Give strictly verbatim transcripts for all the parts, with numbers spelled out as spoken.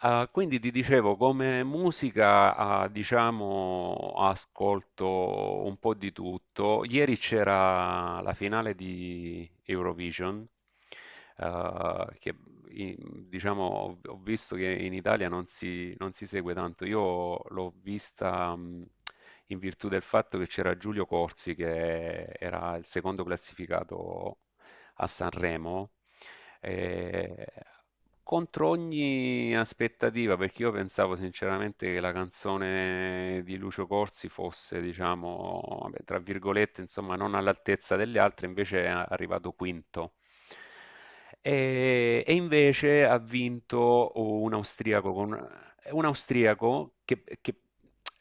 Ah, quindi ti dicevo, come musica, ah, diciamo, ascolto un po' di tutto. Ieri c'era la finale di Eurovision, ah, che in- diciamo, ho ho visto che in Italia non si, non si segue tanto. Io l'ho vista, mh, in virtù del fatto che c'era Giulio Corsi, che era il secondo classificato a Sanremo, eh, contro ogni aspettativa, perché io pensavo sinceramente che la canzone di Lucio Corsi fosse, diciamo, vabbè, tra virgolette, insomma, non all'altezza delle altre. Invece è arrivato quinto. E, e invece ha vinto un austriaco con è un austriaco che, che-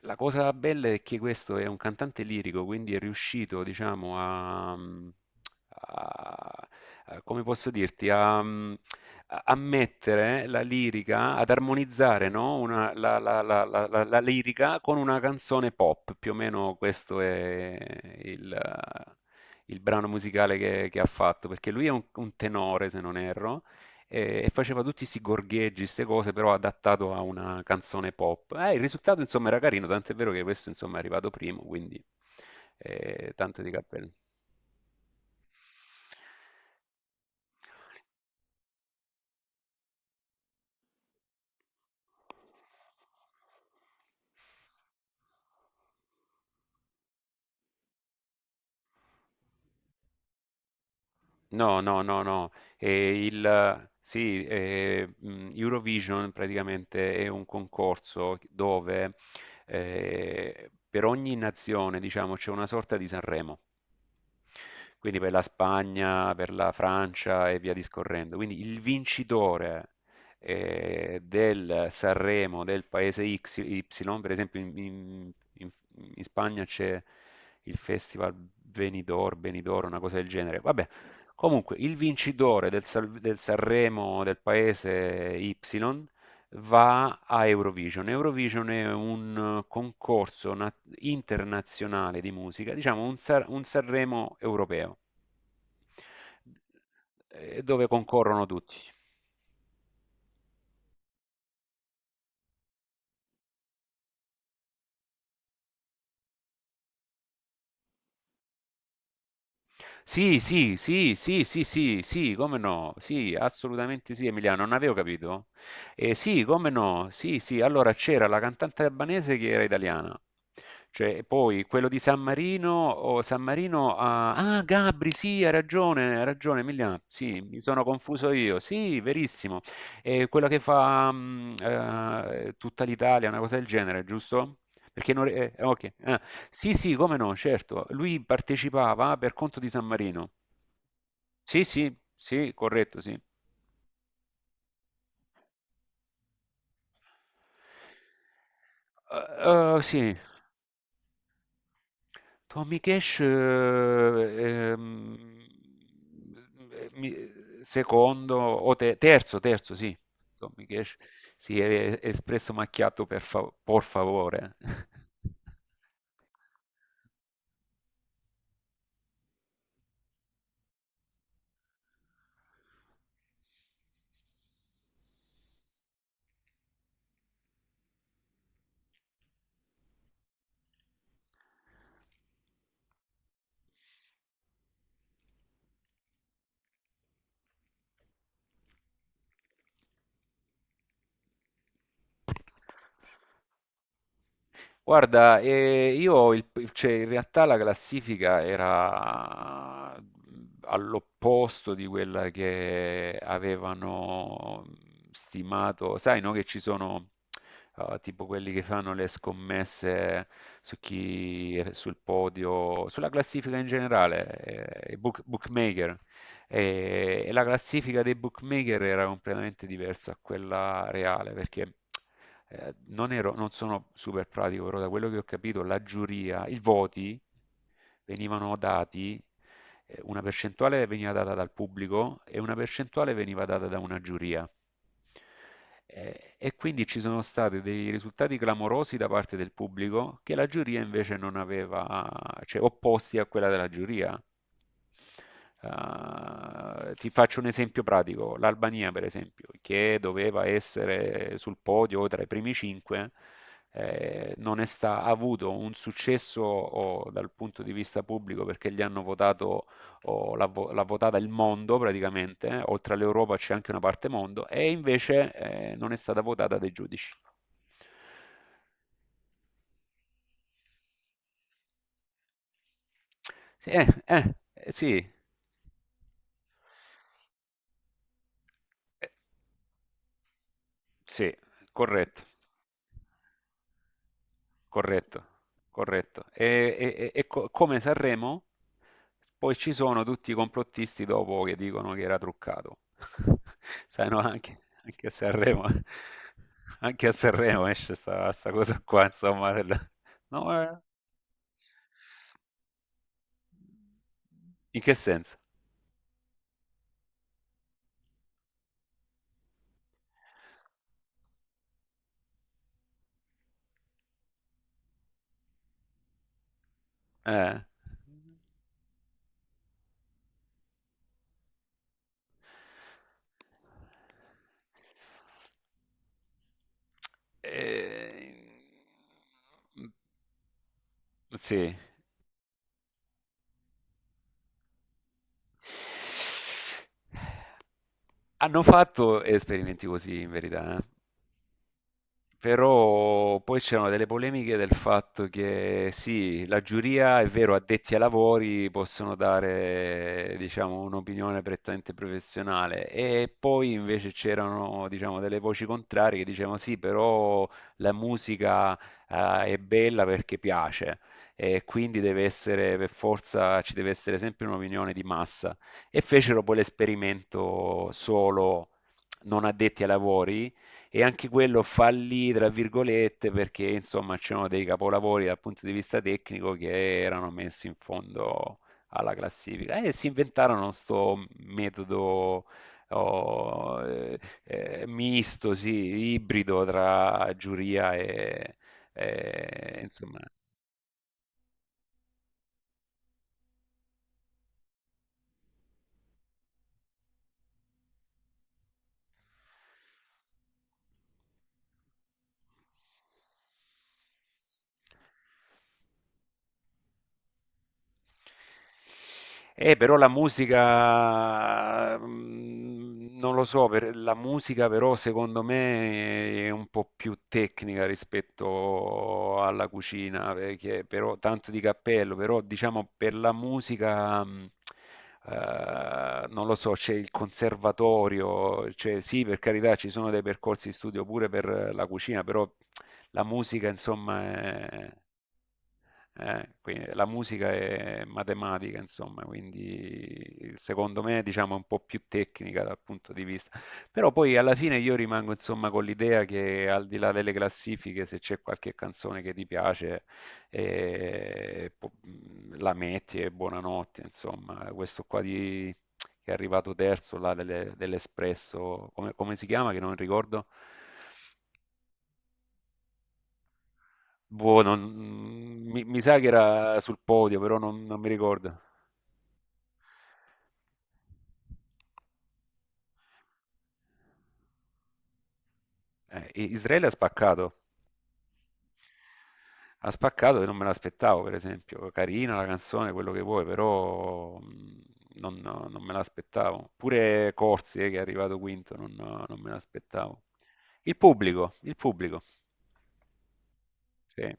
la cosa bella è che questo è un cantante lirico, quindi è riuscito, diciamo, a, a- a- come posso dirti, a, a mettere la lirica, ad armonizzare, no? Una- la, la- la- la- la- la lirica con una canzone pop, più o meno questo è il, il brano musicale che, che ha fatto, perché lui è un un tenore, se non erro, e, e faceva tutti questi gorgheggi, queste cose, però adattato a una canzone pop. Eh, il risultato, insomma, era carino, tant'è vero che questo, insomma, è arrivato primo, quindi eh, tanto di cappello. No, no, no, no. E il, sì, eh, mh, Eurovision praticamente è un concorso dove eh, per ogni nazione, diciamo, c'è una sorta di Sanremo. Quindi per la Spagna, per la Francia e via discorrendo. Quindi il vincitore eh, del Sanremo del paese X- Y, per esempio in, in- in- in Spagna c'è il festival Benidorm, Benidorm, una cosa del genere. Vabbè, comunque il vincitore del, Sal- del Sanremo del paese Y va a Eurovision. Eurovision è un eh, concorso na- internazionale di musica, diciamo un, San- un Sanremo europeo, eh, dove concorrono tutti. Sì, sì, sì, sì, sì, sì, sì, come no? Sì, assolutamente sì, Emiliano, non avevo capito. Eh, sì, come no? Sì, sì, allora c'era la cantante albanese che era italiana. Cioè, poi quello di San Marino, o San Marino, ah, ah, Gabri, sì, hai ragione, hai ragione, Emiliano, sì, mi sono confuso io, sì, verissimo. Eh, quella che fa mm, eh, tutta l'Italia, una cosa del genere, giusto? Perché non... re- eh, eh, Ok. Ah, Sì, sì, come no, certo. Lui partecipava per conto di San Marino. Sì, sì, sì, corretto, sì. Eh, eh, sì. Tommy Cash, eh, ehm, eh, mi- secondo o te- terzo, terzo, sì. Tommy Cash si è espresso macchiato per fa- por favore. Guarda, eh, io il- il- cioè, in realtà la classifica era all'opposto di quella che avevano stimato. Sai, no, che ci sono eh, tipo quelli che fanno le scommesse su chi è sul podio, sulla classifica in generale, eh, i book- bookmaker. E, e la classifica dei bookmaker era completamente diversa a quella reale, perché eh, non ero- non sono super pratico, però da quello che ho capito, la giuria, i voti venivano dati, eh, una percentuale veniva data dal pubblico e una percentuale veniva data da una giuria. Eh, E quindi ci sono stati dei risultati clamorosi da parte del pubblico che la giuria invece non aveva, cioè opposti a quella della giuria. Eh, ti faccio un esempio pratico. L'Albania per esempio, che doveva essere sul podio o tra i primi cinque, eh, non è sta- ha avuto un successo, oh, dal punto di vista pubblico, perché gli hanno votato, oh, l'ha, vo- l'ha votata il mondo praticamente, eh, oltre all'Europa c'è anche una parte mondo, e invece eh, non è stata votata dai giudici. Sì, Eh, eh, eh, sì, Eh, sì, corretto. Corretto, corretto. E, e- e- e co- come Sanremo, poi ci sono tutti i complottisti dopo che dicono che era truccato. Sai, no, anche, anche a Sanremo, anche a Sanremo esce sta, sta cosa qua, insomma. del- No, eh, in che senso? Eh. Eh, sì. Hanno fatto esperimenti così, in verità, eh. Però poi c'erano delle polemiche del fatto che sì, la giuria è vero, addetti ai lavori possono dare, diciamo, un'opinione prettamente professionale, e poi invece c'erano, diciamo, delle voci contrarie che dicevano sì, però la musica, eh, è bella perché piace, e quindi deve essere, per forza, ci deve essere sempre un'opinione di massa. E fecero poi l'esperimento solo non addetti ai lavori, e anche quello fallì, tra virgolette, perché insomma c'erano dei capolavori dal punto di vista tecnico che erano messi in fondo alla classifica. E si inventarono sto metodo oh, eh, eh, misto, sì, ibrido tra giuria e, e, insomma. Eh, però la musica, mm, non lo so, per- la musica però secondo me è un po' più tecnica rispetto alla cucina, perché però tanto di cappello, però diciamo per la musica, mm, eh, non lo so, c'è il conservatorio, cioè sì, per carità ci sono dei percorsi di studio pure per la cucina, però la musica insomma è... Eh, qui- la musica è matematica, insomma, quindi secondo me, diciamo, è un po' più tecnica dal punto di vista. Però poi alla fine io rimango, insomma, con l'idea che al di là delle classifiche, se c'è qualche canzone che ti piace, eh, po- la metti e buonanotte, insomma. Questo qua di- che è arrivato terzo, là, delle- dell'Espresso, come, come si chiama, che non ricordo. Boh, non- mm, mi, mi sa che era sul podio, però non non mi ricordo. Eh, I- Israele ha spaccato, ha spaccato, e non me l'aspettavo, per esempio. Carina la canzone, quello che vuoi, però mh, non, no, non me l'aspettavo. Pure Corsi, eh, che è arrivato quinto, non, no, non me l'aspettavo. Il pubblico, il pubblico, sì.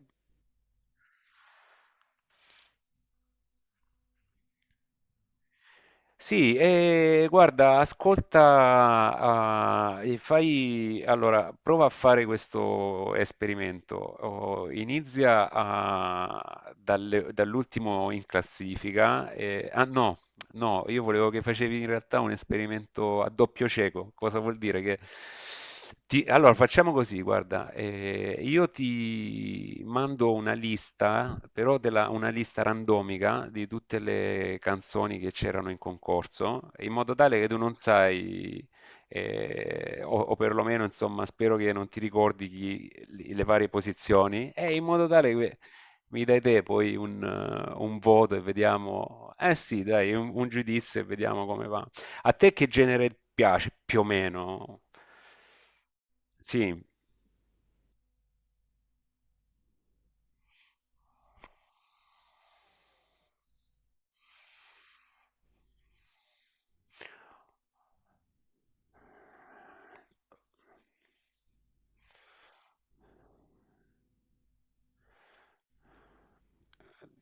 Sì, e guarda, ascolta, ah, e fai, allora, prova a fare questo esperimento. Oh, Inizia a- dalle- dall'ultimo in classifica, e- ah no. No, io volevo che facevi in realtà un esperimento a doppio cieco. Cosa vuol dire? Che ti- Allora, facciamo così, guarda, eh, io ti mando una lista, però della- una lista randomica di tutte le canzoni che c'erano in concorso, in modo tale che tu non sai, eh, o, o perlomeno, insomma, spero che non ti ricordi chi- le varie posizioni, e in modo tale che mi dai te poi un, eh, un voto e vediamo. Eh sì, dai, un, un giudizio e vediamo come va. A te che genere piace più o meno? Sì,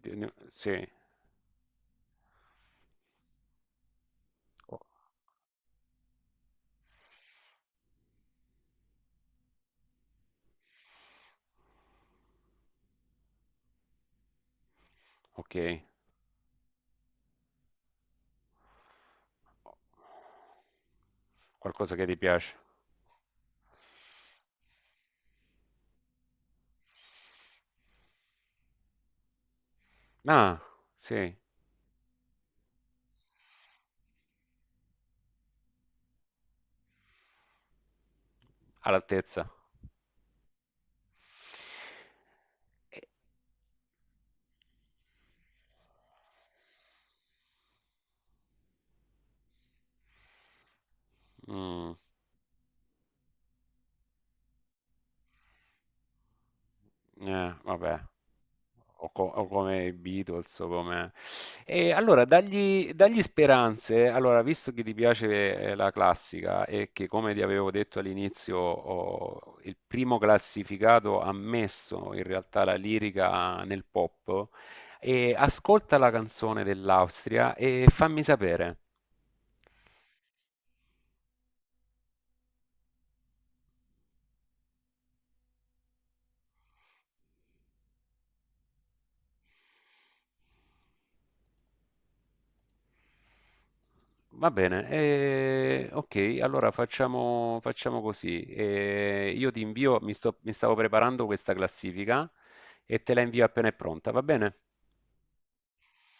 di- sì, O- ok. Qualcosa che ti piace? Ah, sì, all'altezza. E Mh, eh, vabbè, o co o come i Beatles, o come, e allora dagli dagli speranze. Allora, visto che ti piace, ehm, la classica, e che come ti avevo detto all'inizio, ho il primo classificato ha messo in realtà la lirica nel pop, ehm, ascolta la canzone dell'Austria e fammi sapere. Va bene, eh, ok, allora facciamo, facciamo così. Eh, io ti invio, mi sto- mi stavo preparando questa classifica e te la invio appena è pronta, va bene?